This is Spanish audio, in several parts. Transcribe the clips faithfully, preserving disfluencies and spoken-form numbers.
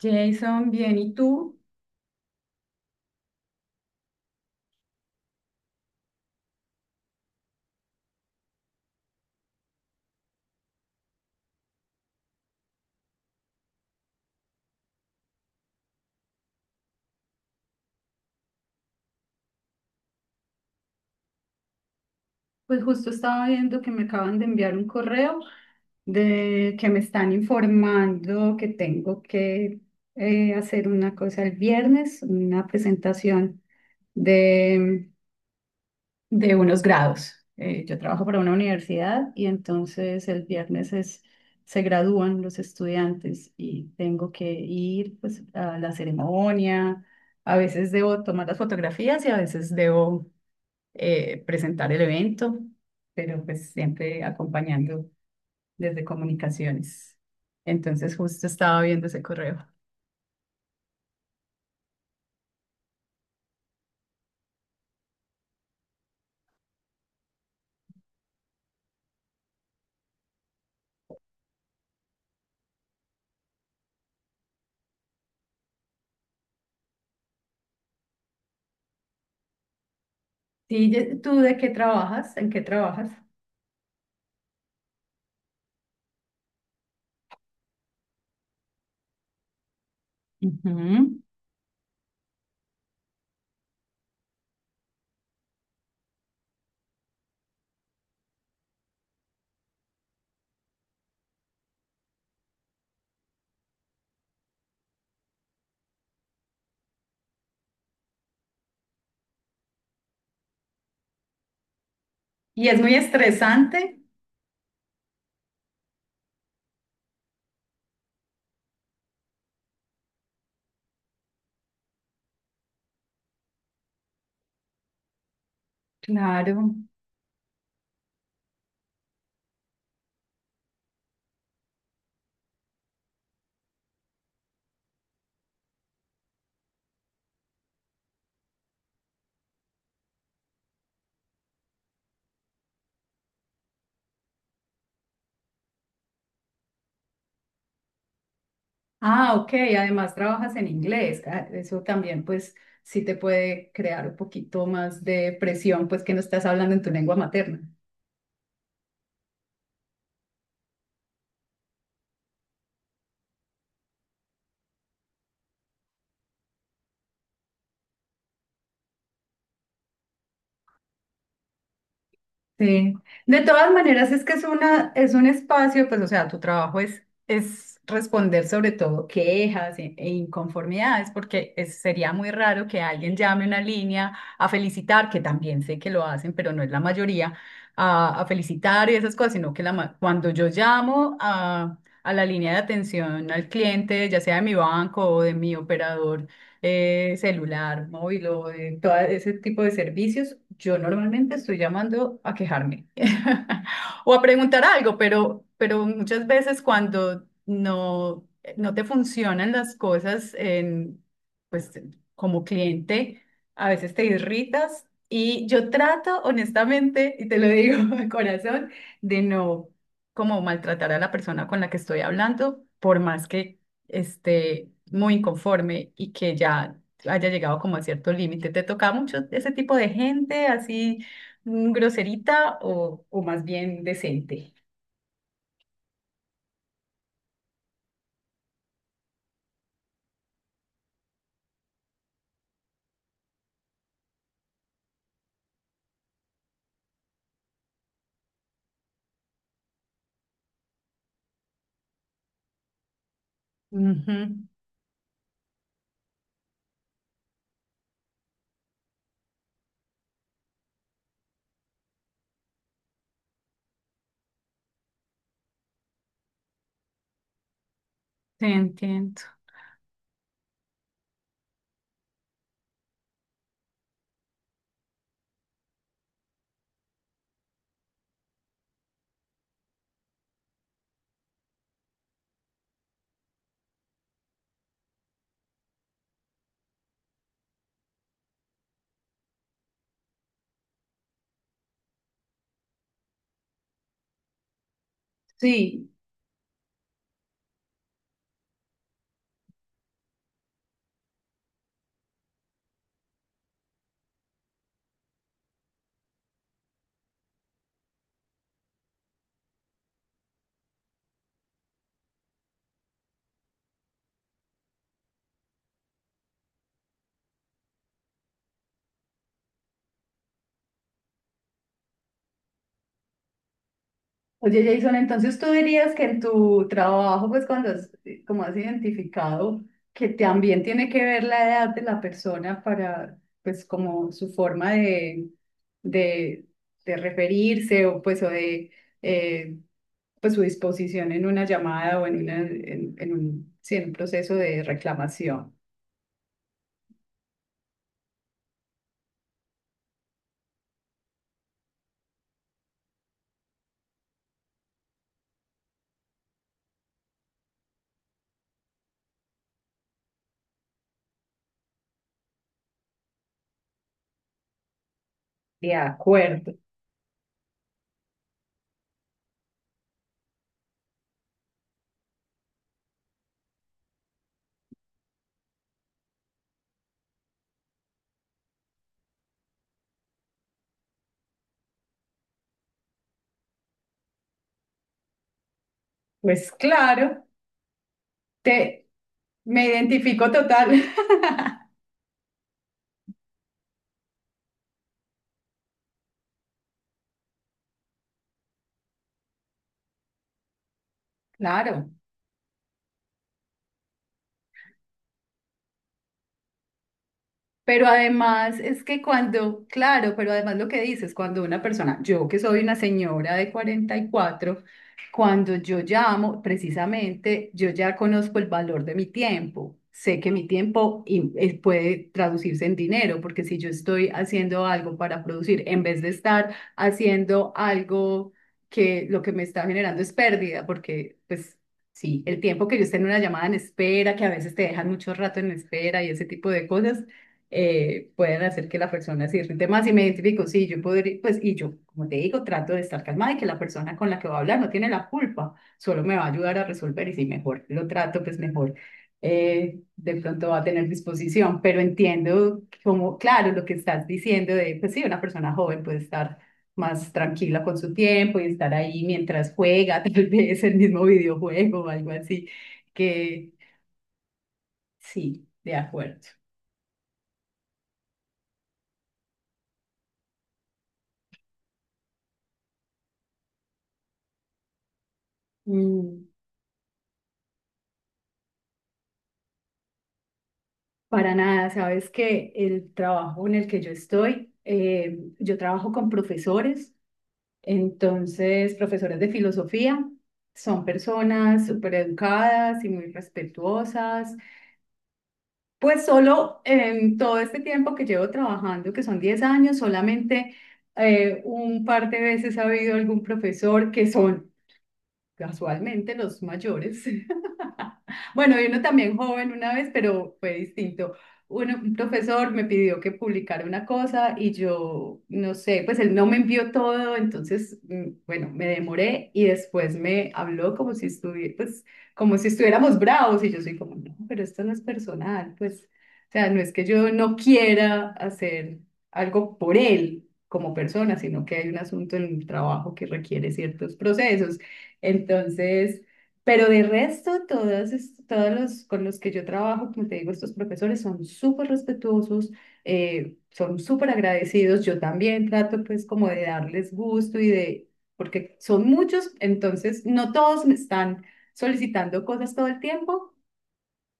Jason, bien, ¿y tú? Pues justo estaba viendo que me acaban de enviar un correo de que me están informando que tengo que eh, hacer una cosa el viernes, una presentación de, de unos grados. Eh, yo trabajo para una universidad y entonces el viernes es, se gradúan los estudiantes y tengo que ir, pues, a la ceremonia. A veces debo tomar las fotografías y a veces debo eh, presentar el evento, pero pues siempre acompañando desde comunicaciones. Entonces justo estaba viendo ese correo. Sí, ye- ¿tú de qué trabajas? ¿En qué trabajas? Ujú. Y es muy estresante. Claro. Ah, ok. Además trabajas en inglés. Ah, eso también, pues, sí te puede crear un poquito más de presión, pues que no estás hablando en tu lengua materna. Sí, de todas maneras es que es una, es un espacio, pues, o sea, tu trabajo es, es responder sobre todo quejas e, e inconformidades, porque es- sería muy raro que alguien llame una línea a felicitar, que también sé que lo hacen, pero no es la mayoría, a, a felicitar y esas cosas, sino que la, ma- cuando yo llamo a, a la línea de atención al cliente, ya sea de mi banco o de mi operador, eh, celular, móvil o de todo ese tipo de servicios, yo normalmente estoy llamando a quejarme o a preguntar algo, pero, pero muchas veces cuando no, no te funcionan las cosas en, pues, como cliente, a veces te irritas y yo trato honestamente, y te lo digo de corazón, de no como maltratar a la persona con la que estoy hablando, por más que este, muy inconforme y que ya haya llegado como a cierto límite. ¿Te toca mucho ese tipo de gente así, mm, groserita o, o más bien decente? Ujú, te entiendo. Sí. Oye, Jason, entonces tú dirías que en tu trabajo, pues cuando has, como has identificado que también tiene que ver la edad de la persona para, pues como su forma de, de, de referirse o pues o de, eh, pues su disposición en una llamada o en una, en, en un, sí, en un proceso de reclamación. De acuerdo. Pues claro. Te, me identifico total. Claro. Pero además es que cuando, claro, pero además lo que dices, cuando una persona, yo que soy una señora de cuarenta y cuatro, cuando yo llamo, precisamente yo ya conozco el valor de mi tiempo. Sé que mi tiempo y- eh, puede traducirse en dinero, porque si yo estoy haciendo algo para producir, en vez de estar haciendo algo que lo que me está generando es pérdida, porque pues sí, el tiempo que yo esté en una llamada en espera, que a veces te dejan mucho rato en espera y ese tipo de cosas eh, pueden hacer que la persona se irrite más y me identifico, sí, yo podría, pues, y yo, como te digo, trato de estar calmada y que la persona con la que voy a hablar no tiene la culpa, solo me va a ayudar a resolver y si mejor lo trato, pues mejor. Eh, de pronto va a tener disposición, pero entiendo como, claro, lo que estás diciendo de, pues sí, una persona joven puede estar más tranquila con su tiempo y estar ahí mientras juega, tal vez el mismo videojuego o algo así, que sí, de acuerdo. Mm. Para nada, sabes que el trabajo en el que yo estoy, eh, yo trabajo con profesores, entonces profesores de filosofía, son personas súper educadas y muy respetuosas. Pues solo en todo este tiempo que llevo trabajando, que son diez años, solamente eh, un par de veces ha habido algún profesor que son casualmente los mayores. Bueno, y uno también joven una vez, pero fue distinto. Uno, un profesor me pidió que publicara una cosa y yo, no sé, pues él no me envió todo, entonces, mm, bueno, me demoré y después me habló como si estuviera, pues, como si estuviéramos bravos y yo soy como, no, pero esto no es personal, pues, o sea, no es que yo no quiera hacer algo por él como persona, sino que hay un asunto en el trabajo que requiere ciertos procesos. Entonces, pero de resto, todos, es- todos los con los que yo trabajo, como te digo, estos profesores son súper respetuosos, eh, son súper agradecidos. Yo también trato pues como de darles gusto y de, porque son muchos, entonces no todos me están solicitando cosas todo el tiempo,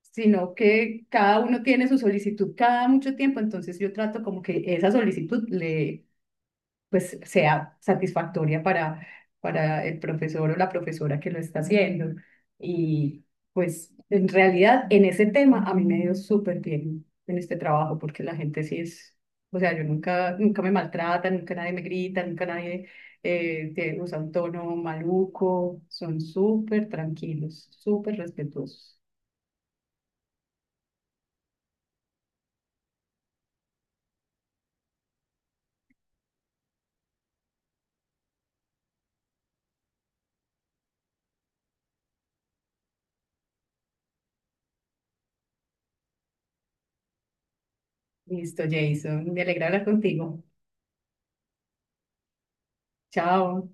sino que cada uno tiene su solicitud cada mucho tiempo, entonces yo trato como que esa solicitud le pues sea satisfactoria para, para el profesor o la profesora que lo está haciendo. Y pues en realidad en ese tema a mí me ha ido súper bien en este trabajo porque la gente sí es, o sea, yo nunca, nunca me maltrata, nunca nadie me grita, nunca nadie eh, te- usa un tono maluco, son súper tranquilos, súper respetuosos. Listo, Jason, me alegra hablar contigo. Chao.